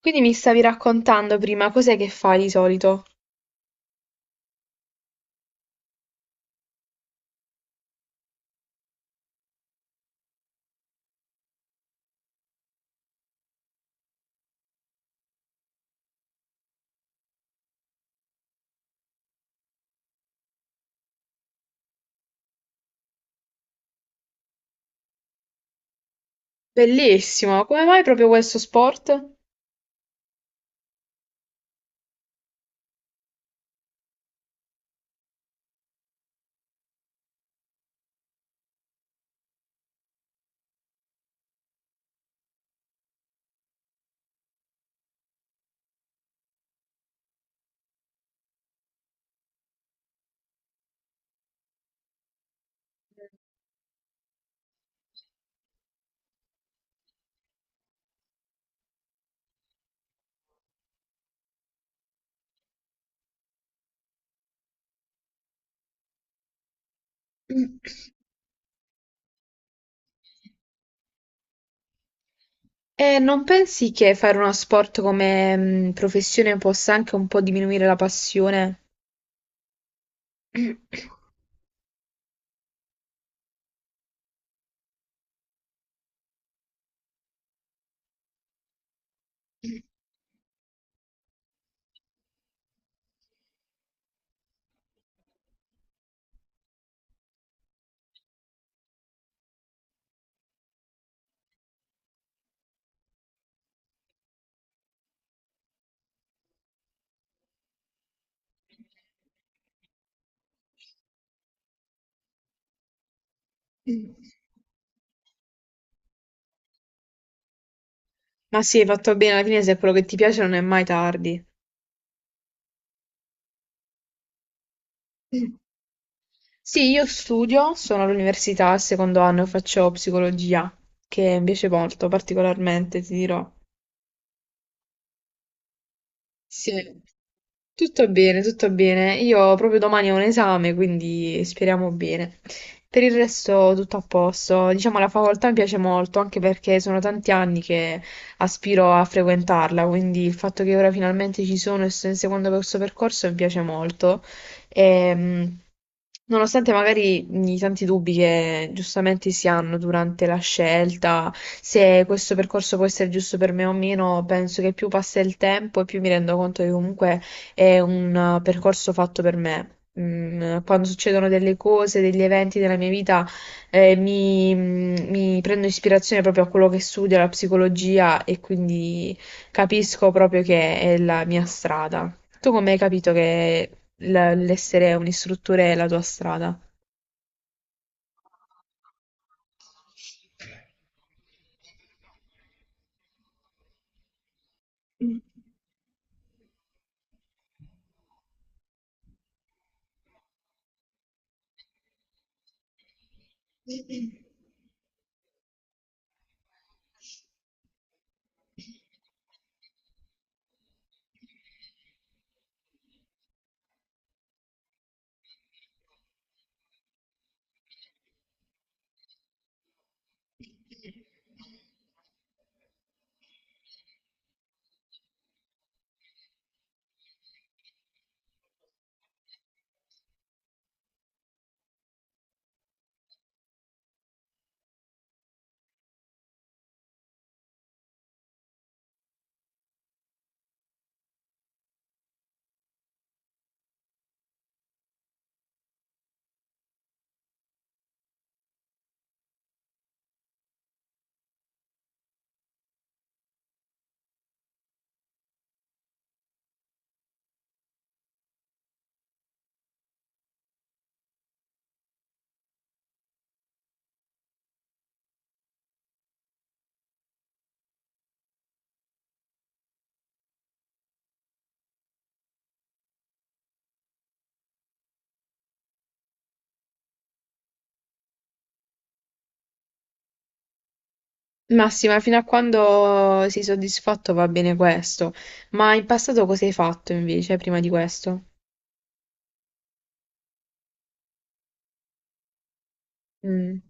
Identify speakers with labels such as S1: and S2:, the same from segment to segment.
S1: Quindi mi stavi raccontando prima, cos'è che fai di solito? Bellissimo, come mai proprio questo sport? E non pensi che fare uno sport come professione possa anche un po' diminuire la passione? Ma sì, hai fatto bene, alla fine se è quello che ti piace non è mai tardi. Sì, io studio, sono all'università, al secondo anno faccio psicologia, che mi piace molto, particolarmente, ti dirò. Sì. Tutto bene, tutto bene. Io proprio domani ho un esame, quindi speriamo bene. Per il resto tutto a posto. Diciamo la facoltà mi piace molto, anche perché sono tanti anni che aspiro a frequentarla, quindi il fatto che ora finalmente ci sono e sto inseguendo questo percorso mi piace molto. Ehm, Nonostante magari i tanti dubbi che giustamente si hanno durante la scelta, se questo percorso può essere giusto per me o meno, penso che più passa il tempo e più mi rendo conto che comunque è un percorso fatto per me. Mm, quando succedono delle cose, degli eventi nella mia vita, mi prendo ispirazione proprio a quello che studio, la psicologia, e quindi capisco proprio che è la mia strada. Tu come hai capito che l- l'essere un istruttore è la tua strada? Massima, fino a quando sei soddisfatto va bene questo, ma in passato cosa hai fatto invece prima di questo? Mm.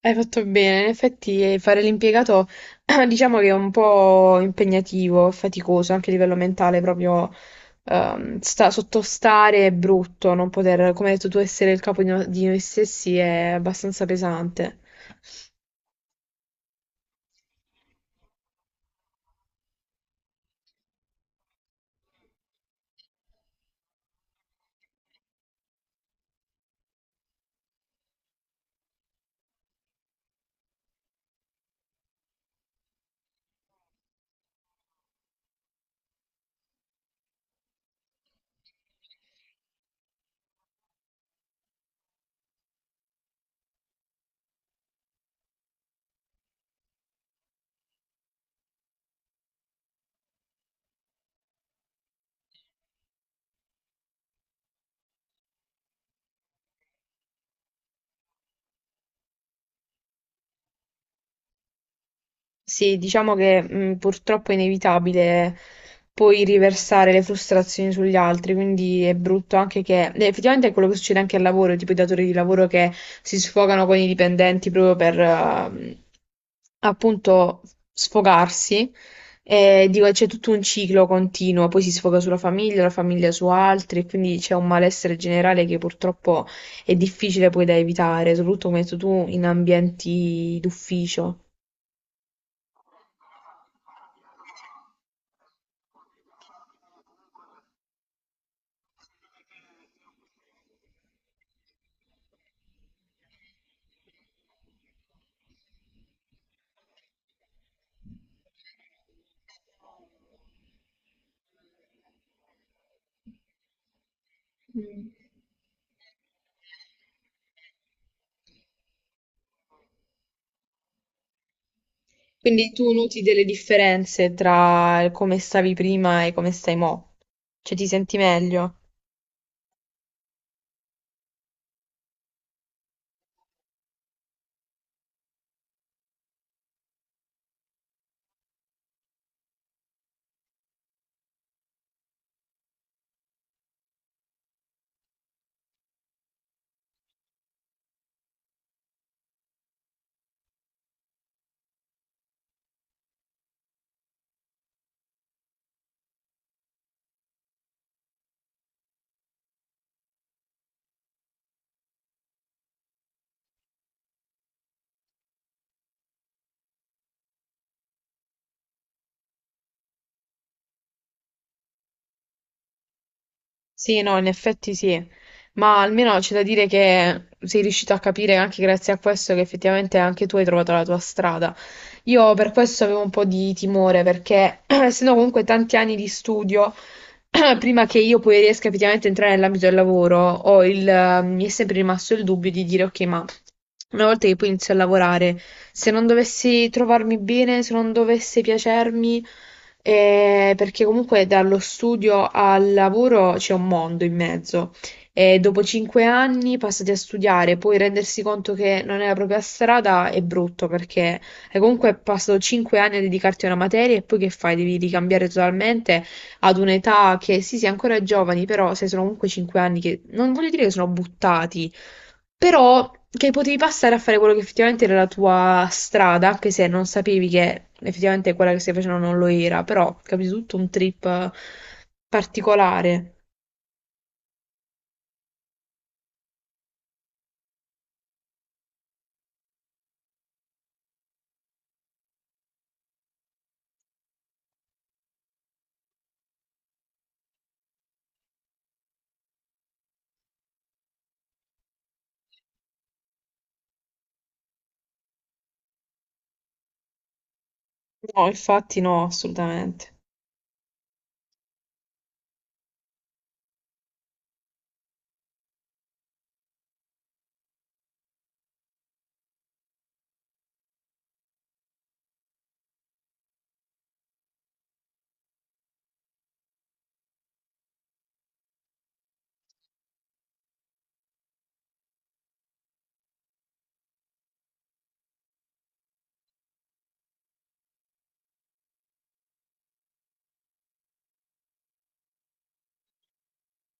S1: Hai fatto bene, in effetti fare l'impiegato diciamo che è un po' impegnativo, faticoso anche a livello mentale, proprio sottostare è brutto, non poter, come hai detto tu, essere il capo di, di noi stessi è abbastanza pesante. Sì, diciamo che purtroppo è inevitabile poi riversare le frustrazioni sugli altri, quindi è brutto anche che effettivamente è quello che succede anche al lavoro, tipo i datori di lavoro che si sfogano con i dipendenti proprio per appunto sfogarsi. E dico, c'è tutto un ciclo continuo, poi si sfoga sulla famiglia, la famiglia su altri, e quindi c'è un malessere generale che purtroppo è difficile poi da evitare, soprattutto come hai detto tu in ambienti d'ufficio. Quindi tu noti delle differenze tra il come stavi prima e come stai mo'? Cioè ti senti meglio? Sì, no, in effetti sì, ma almeno c'è da dire che sei riuscito a capire anche grazie a questo che effettivamente anche tu hai trovato la tua strada. Io per questo avevo un po' di timore, perché essendo comunque tanti anni di studio, prima che io poi riesca effettivamente a entrare nell'ambito del lavoro, ho mi è sempre rimasto il dubbio di dire, ok, ma una volta che poi inizio a lavorare, se non dovessi trovarmi bene, se non dovesse piacermi, perché comunque dallo studio al lavoro c'è un mondo in mezzo. E dopo 5 anni passati a studiare, poi rendersi conto che non è la propria strada è brutto perché e comunque passano 5 anni a dedicarti a una materia e poi che fai? Devi ricambiare totalmente ad un'età che sì, sei ancora giovani, però se sono comunque 5 anni che non voglio dire che sono buttati, però che potevi passare a fare quello che effettivamente era la tua strada, anche se non sapevi che effettivamente quella che stai facendo non lo era, però capito tutto un trip particolare. No, infatti no, assolutamente.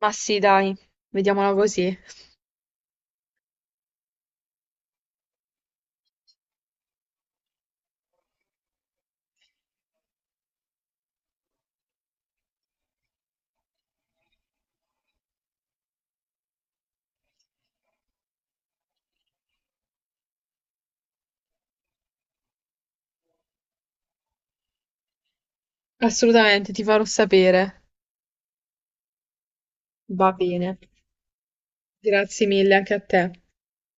S1: Ma sì, dai, vediamola così. Assolutamente, ti farò sapere. Va bene. Grazie mille anche a te.